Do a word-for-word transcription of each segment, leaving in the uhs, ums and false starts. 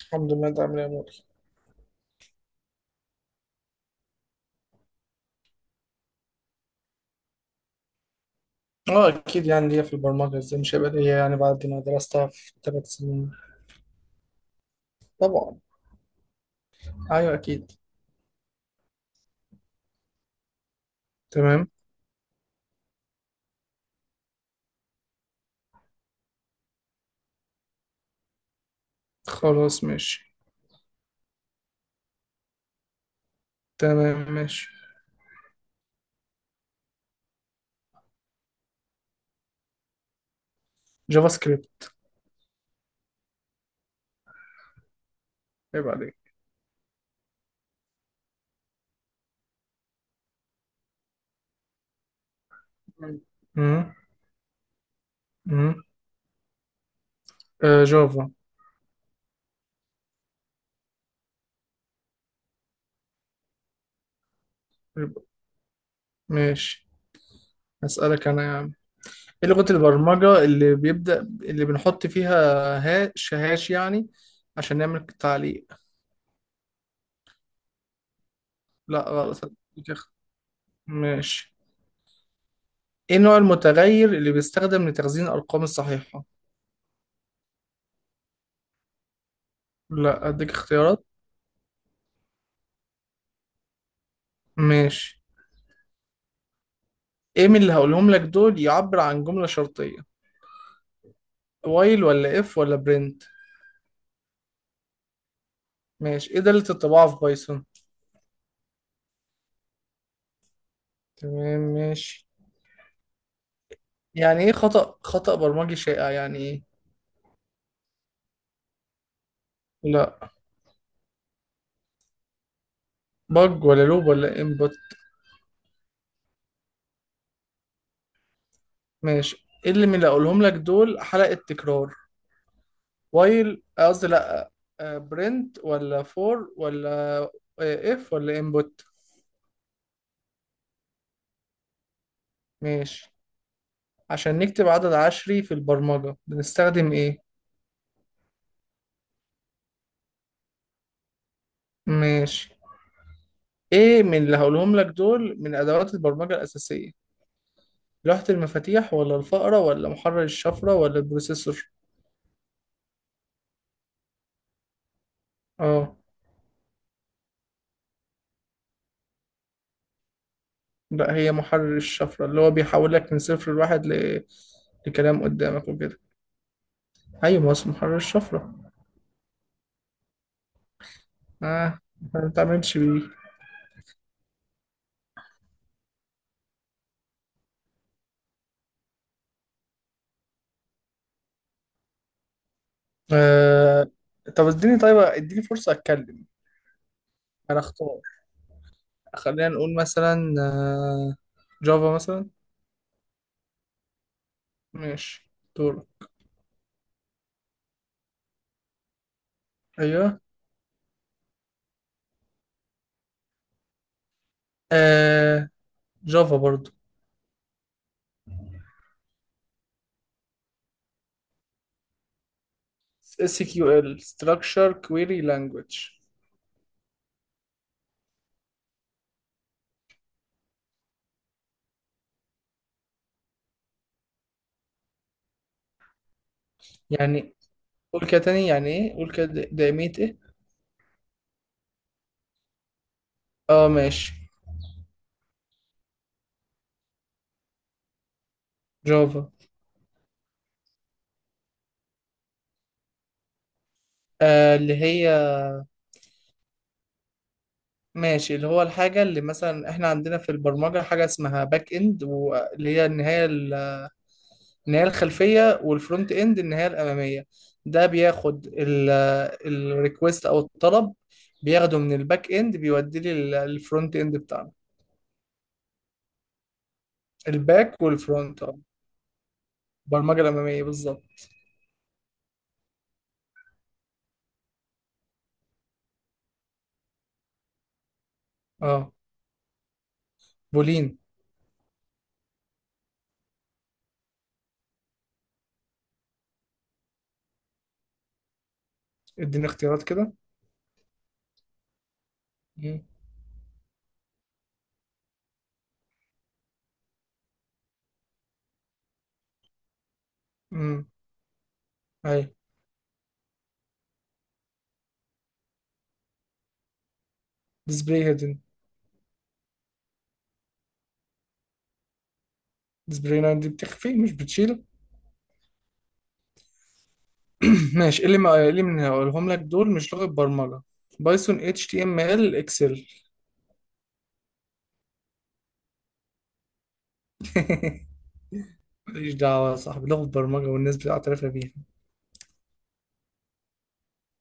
الحمد لله، انت عامل ايه يا مول؟ اه اكيد، يعني ليا في البرمجه. ازاي مش هيبقى ليا يعني بعد ما درستها في ثلاث سنين؟ طبعا. ايوه اكيد. تمام. خلاص ماشي. تمام ماشي. جافا سكريبت. عيب عليك. امم امم آه، جافا. ماشي، هسألك انا يا عم. ايه لغه البرمجه اللي بيبدأ اللي بنحط فيها هاش هاش، يعني عشان نعمل تعليق؟ لا غلط. بتخ- ماشي. ايه النوع المتغير اللي بيستخدم لتخزين الارقام الصحيحه؟ لا، اديك اختيارات. ماشي. ايه من اللي هقولهم لك دول يعبر عن جملة شرطية؟ وايل ولا اف ولا برنت؟ ماشي، ايه دالة الطباعة في بايثون؟ تمام ماشي. يعني ايه خطأ خطأ برمجي شائع، يعني ايه؟ لا، بج ولا لوب ولا انبوت؟ ماشي. ايه اللي من اللي هقولهم لك دول حلقة تكرار؟ وايل، قصدي لا. آه، برنت ولا فور ولا آه، اف ولا انبوت؟ ماشي. عشان نكتب عدد عشري في البرمجة بنستخدم ايه؟ ماشي. ايه من اللي هقولهم لك دول من ادوات البرمجه الاساسيه؟ لوحه المفاتيح ولا الفأره ولا محرر الشفره ولا البروسيسور؟ اه. لا، هي محرر الشفره اللي هو بيحول لك من صفر لواحد ل... لكلام قدامك وكده. ايوه، ما هو محرر الشفره. اه، ما بتعملش بيه. آه. طب اديني، طيب اديني فرصه اتكلم. انا اختار. خلينا نقول مثلا آه، جافا مثلا. ماشي. دور. ايوه. آه. جافا برضو. اس كيو ال structure query language. يعني قول كده تاني، يعني ايه؟ قول كده د- دائمية ايه؟ اه ماشي. جافا. آه اللي هي. ماشي. اللي هو الحاجة اللي مثلا احنا عندنا في البرمجة حاجة اسمها باك اند، واللي هي النهاية ال- النهاية الخلفية، والفرونت اند النهاية الأمامية. ده بياخد الريكوست او الطلب، بياخده من الباك اند بيوديه للفرونت اند بتاعنا. الباك والفرونت، اه. البرمجة الأمامية بالظبط. اه، بولين. اديني اختيارات كده. مم. مم. اي. ديسبلاي هيدن. ديسبلاي لاين دي بتخفي مش بتشيل. ماشي. إيه اللي ما إيه اللي من هقولهم لك دول مش لغة برمجة؟ بايثون اتش تي ام ال اكسل. ماليش دعوة يا صاحبي، لغة برمجة والناس بتعترف بيها.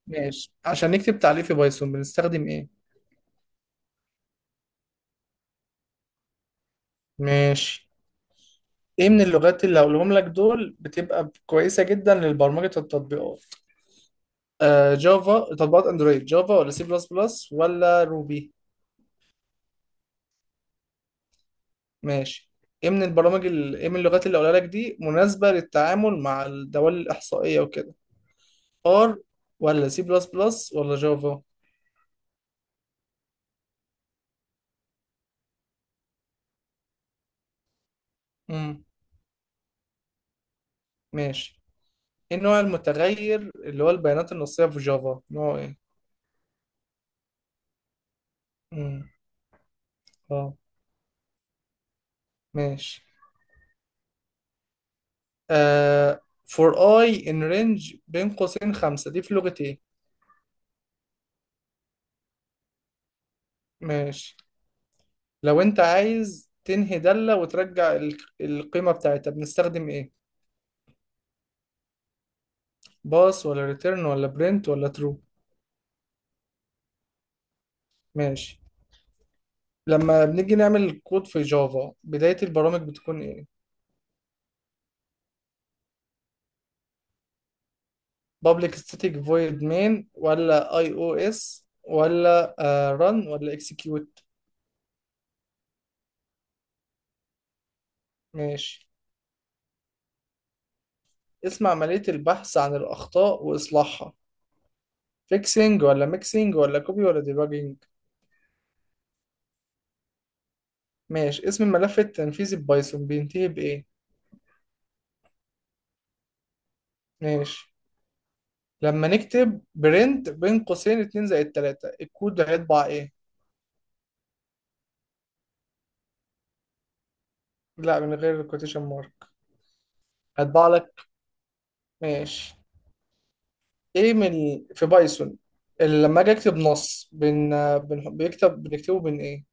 ماشي. عشان نكتب تعليق في بايثون بنستخدم ايه؟ ماشي. ايه من اللغات اللي هقولهم لك دول بتبقى كويسة جدا للبرمجة التطبيقات؟ آه، جافا تطبيقات اندرويد. جافا ولا سي بلس بلس ولا روبي؟ ماشي. ايه من البرامج ال... ايه من اللغات اللي قولها لك دي مناسبة للتعامل مع الدوال الإحصائية وكده؟ ار ولا سي بلس بلس ولا جافا؟ امم. ماشي. ايه النوع المتغير اللي هو البيانات النصية في جافا؟ نوع ايه؟ امم. اه ماشي. آه، for i in range بين قوسين خمسة، دي في لغة ايه؟ ماشي. لو انت عايز تنهي دالة وترجع ال- القيمة بتاعتها بنستخدم ايه؟ باس ولا ريتيرن ولا برنت ولا ترو؟ ماشي. لما بنيجي نعمل كود في جافا بداية البرامج بتكون ايه؟ public static void main ولا اي او اس ولا آه run ولا execute؟ ماشي. اسم عملية البحث عن الأخطاء وإصلاحها؟ fixing ولا mixing ولا copy ولا debugging؟ ماشي. اسم الملف التنفيذي ببايثون بينتهي بإيه؟ ماشي. لما نكتب print بين قوسين اتنين زائد تلاتة، الكود هيطبع ايه؟ لا، من غير الكوتيشن مارك. هيطبع لك. ماشي. ايه من، في بايثون، اللي لما اجي اكتب نص بن بن بيكتب بنكتبه بين ايه؟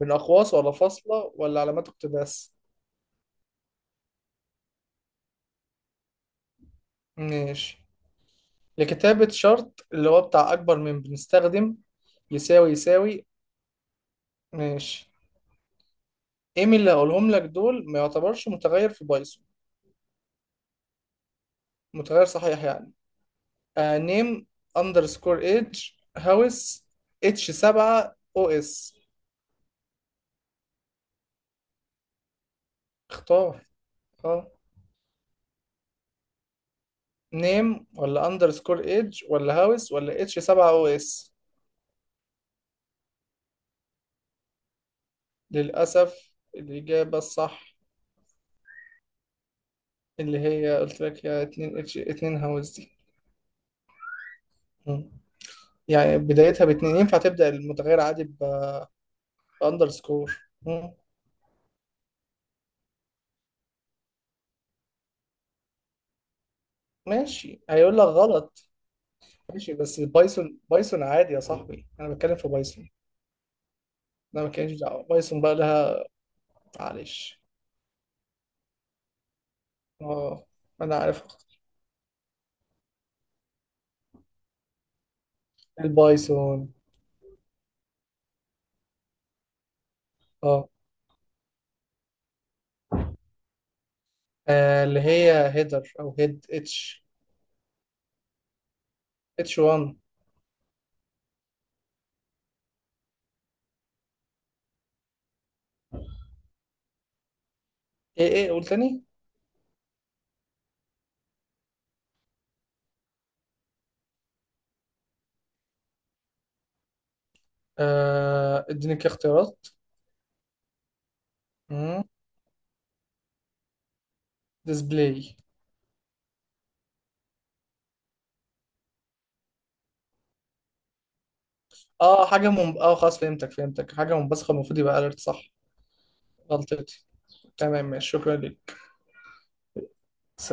بين اقواس ولا فاصلة ولا علامات اقتباس؟ ماشي. لكتابة شرط اللي هو بتاع اكبر من بنستخدم يساوي يساوي؟ ماشي. ايه من اللي هقولهم لك دول ما يعتبرش متغير في بايثون؟ متغير صحيح يعني. آه، نيم، اندرسكور ايدج، هاوس، اتش سبعة او اس. اختار. اه. نيم ولا اندرسكور ايدج ولا هاوس ولا اتش سبعة او اس؟ للأسف الإجابة الصح اللي هي قلت لك، يا اتنين اتش اتنين هاوس دي. مم. يعني بدايتها باتنين، ينفع تبدأ المتغير عادي ب- بأندرسكور؟ مم. ماشي هيقول لك غلط. ماشي، بس البايثون بايثون عادي يا صاحبي، أنا بتكلم في بايثون. أنا ما كانش دعوة بايثون بقى لها. معلش. اه. أنا عارف. البايثون. اه. آه، اللي هي هيدر أو هيد اتش. اتش واحد. ايه ايه قول تاني. آه اديني كده اختيارات. مم. ديسبلاي. اه حاجة من، اه خلاص فهمتك فهمتك، حاجة منبثقة المفروض يبقى اليرت، صح. غلطتي. تمام ماشي، شكرا ليك.